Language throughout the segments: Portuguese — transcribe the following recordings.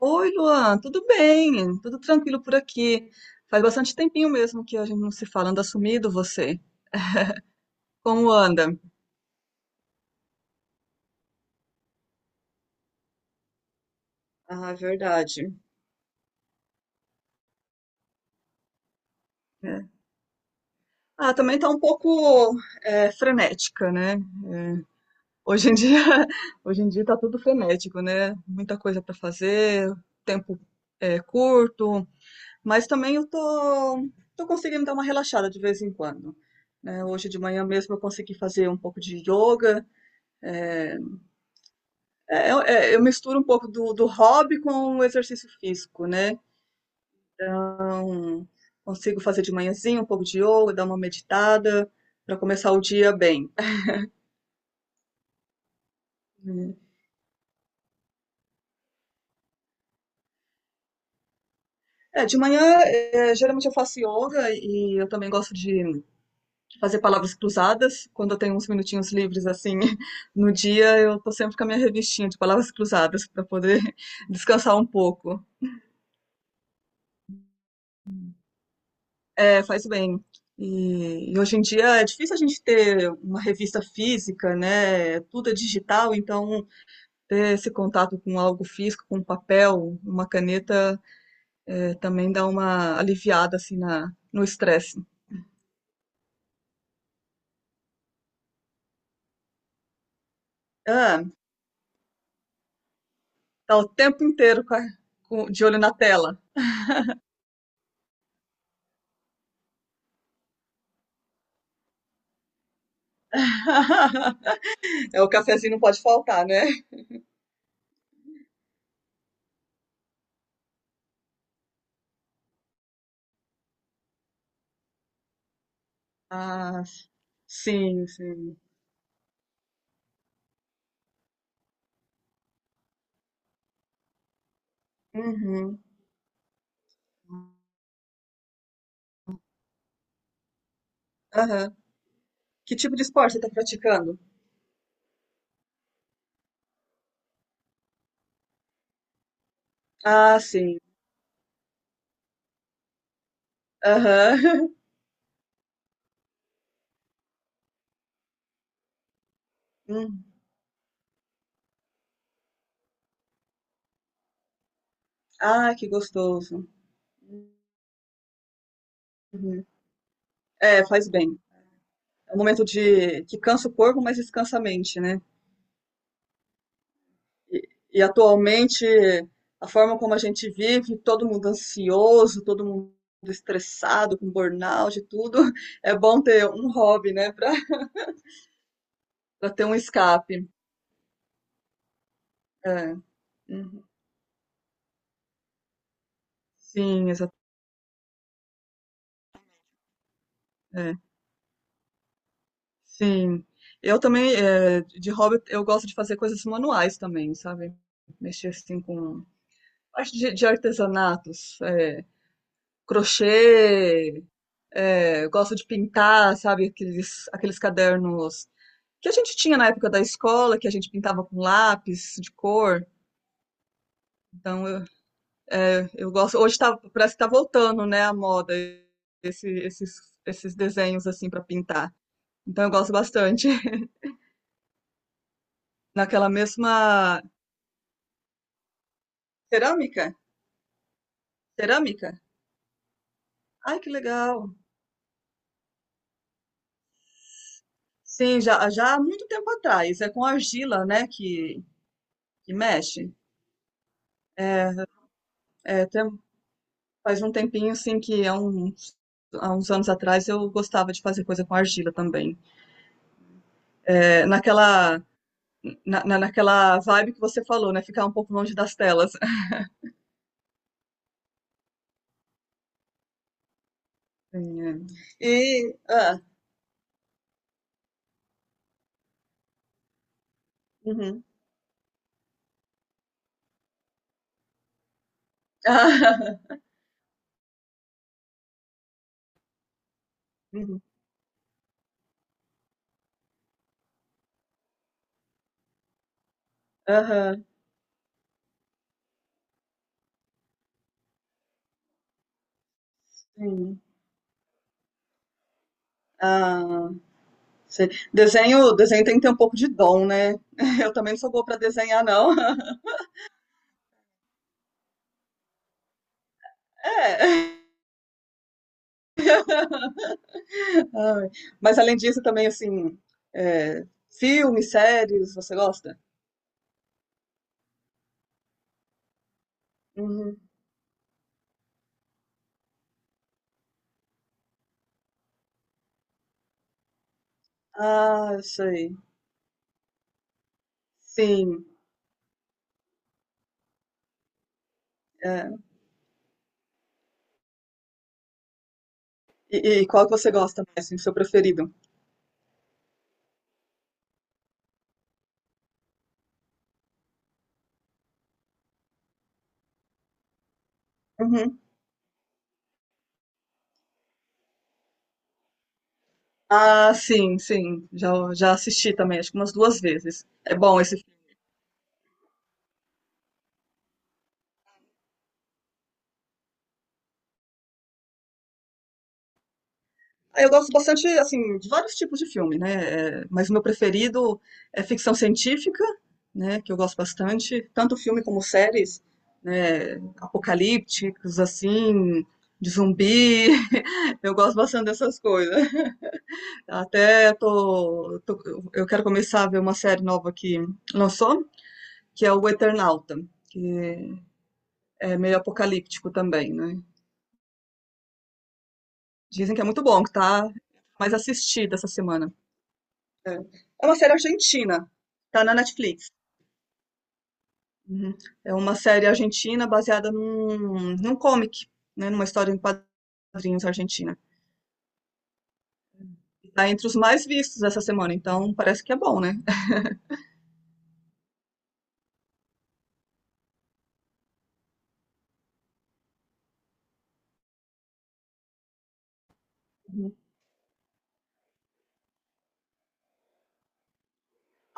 Oi, Luan, tudo bem? Tudo tranquilo por aqui. Faz bastante tempinho mesmo que a gente não se fala, anda sumido você. Como anda? Ah, é verdade. É. Ah, também tá um pouco frenética, né? Hoje em dia, hoje em dia tá tudo frenético, né? Muita coisa para fazer, tempo curto, mas também eu tô conseguindo dar uma relaxada de vez em quando, né? Hoje de manhã mesmo eu consegui fazer um pouco de yoga. é, eu misturo um pouco do hobby com o exercício físico, né? Então, consigo fazer de manhãzinha um pouco de yoga, dar uma meditada para começar o dia bem. Hum. De manhã, geralmente eu faço yoga e eu também gosto de fazer palavras cruzadas. Quando eu tenho uns minutinhos livres assim, no dia, eu tô sempre com a minha revistinha de palavras cruzadas para poder descansar um pouco. É, faz bem. E hoje em dia é difícil a gente ter uma revista física, né? É. Tudo é digital, então ter esse contato com algo físico, com um papel, uma caneta, também dá uma aliviada assim na, no estresse. Ah, tá o tempo inteiro com de olho na tela. É, o cafezinho não pode faltar, né? Ah, sim, sim. Uhum, aham. Que tipo de esporte você está praticando? Ah, sim. Aham. Ah, que gostoso. Uhum. É, faz bem. É um momento de que cansa o corpo, mas descansa a mente, né? E atualmente, a forma como a gente vive, todo mundo ansioso, todo mundo estressado, com burnout e tudo, é bom ter um hobby, né, para ter um escape. É. Uhum. Sim, exa é. Sim. Eu também, de hobby, eu gosto de fazer coisas manuais também, sabe? Mexer assim com parte de artesanatos. É. Crochê, eu gosto de pintar, sabe, aqueles cadernos que a gente tinha na época da escola, que a gente pintava com lápis de cor. Então eu gosto. Hoje tá, parece que tá voltando, né, a moda, esses desenhos assim para pintar. Então eu gosto bastante. Naquela mesma cerâmica, cerâmica. Ai, que legal. Sim, já, já há muito tempo atrás. É com argila, né, que mexe. É, faz um tempinho, assim, que há uns anos atrás eu gostava de fazer coisa com argila também. É, naquela vibe que você falou, né? Ficar um pouco longe das telas. Sim, é. Ah, uhum. Ah, uhum. Aham, sim. Ah, sei. Desenho tem que ter um pouco de dom, né? Eu também não sou boa para desenhar, não. É. Ai, mas além disso, também assim, é, filmes, séries, você gosta? Uhum. Ah, sei. Sim, é. E qual que você gosta mais, assim, do seu preferido? Uhum. Ah, sim, sim. Já, já assisti também, acho que umas duas vezes. É bom esse filme. Ah, eu gosto bastante, assim, de vários tipos de filme, né? É, mas o meu preferido é ficção científica, né? Que eu gosto bastante. Tanto filme como séries, né? Apocalípticos, assim, de zumbi. Eu gosto bastante dessas coisas. Até tô, tô- eu quero começar a ver uma série nova que lançou, que é o Eternauta, que é meio apocalíptico também, né? Dizem que é muito bom, que tá mais assistida essa semana. É, é uma série argentina, tá na Netflix. Uhum. É uma série argentina baseada num, num comic, né? Numa história em quadrinhos argentina. Tá entre os mais vistos essa semana, então parece que é bom, né?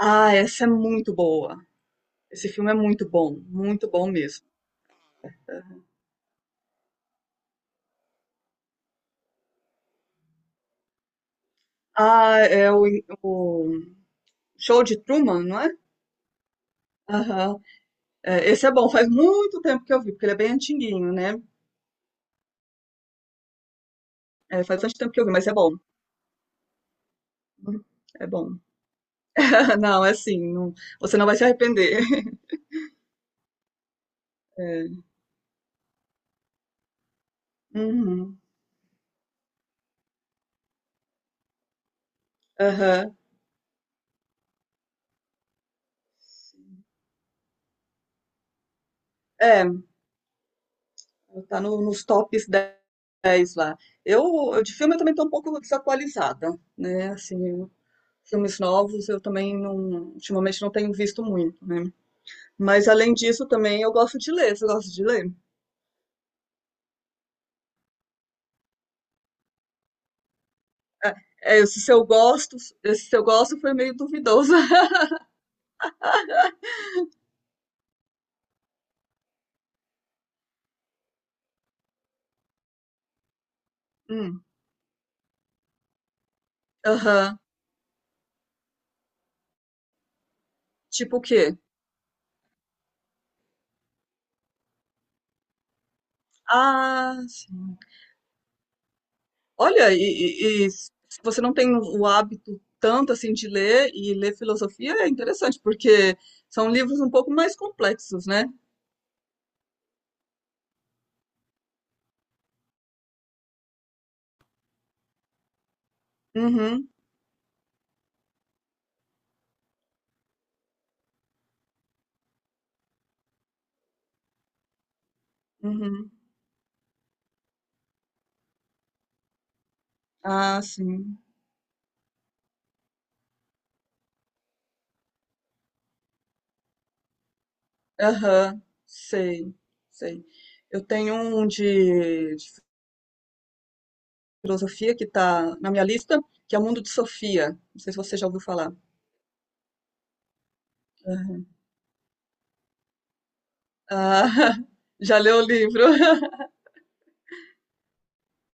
Ah, essa é muito boa. Esse filme é muito bom mesmo. Ah, é o Show de Truman, não é? Aham, é, esse é bom, faz muito tempo que eu vi, porque ele é bem antiguinho, né? É, faz bastante tempo que eu vi, mas é bom. É bom. Não, é assim, você não vai se arrepender. É, uhum, aham. É, tá nos tops 10 lá. Eu, eu de filme eu também tô um pouco desatualizada, né? Assim, filmes novos eu também não, ultimamente não tenho visto muito, né? Mas além disso também eu gosto de ler. Você gosta de ler? É, esse seu gosto foi meio duvidoso. Hum, aham. Tipo o quê? Ah, sim. Olha, e se você não tem o hábito tanto assim de ler e ler filosofia é interessante, porque são livros um pouco mais complexos, né? Uhum, uhum. Ah, sim. Aham, sei, sei. Eu tenho um de filosofia que tá na minha lista, que é o Mundo de Sofia. Não sei se você já ouviu falar. Aham. Ah, já leu o livro?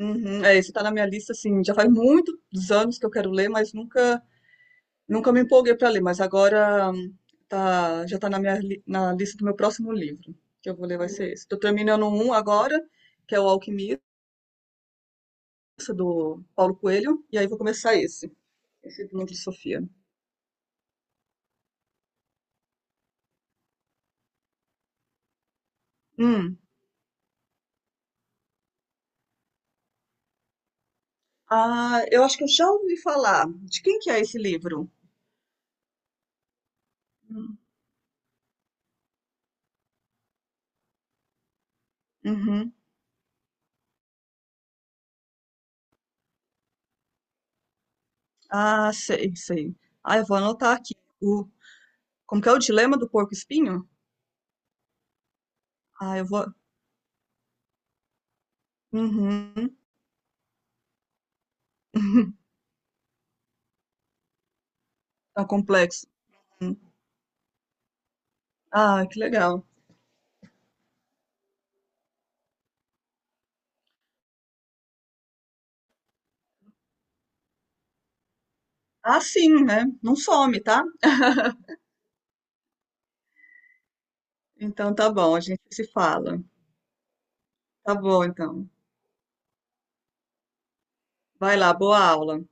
Uhum, é, esse tá na minha lista, assim, já faz muitos anos que eu quero ler, mas nunca me empolguei pra ler, mas agora tá, já tá na lista do meu próximo livro, que eu vou ler vai ser esse. Tô terminando um agora, que é O Alquimista, do Paulo Coelho, e aí vou começar esse, do Núcleo de Sofia. Hum, ah, eu acho que eu já ouvi falar. De quem que é esse livro? Hum. Uhum. Ah, sei, sei. Ah, eu vou anotar aqui. O, como que é o dilema do porco-espinho? Ah, eu vou. Uhum. Tão complexo. Hum. Ah, que legal. Ah, sim, né? Não some, tá? Então tá bom, a gente se fala. Tá bom, então. Vai lá, boa aula.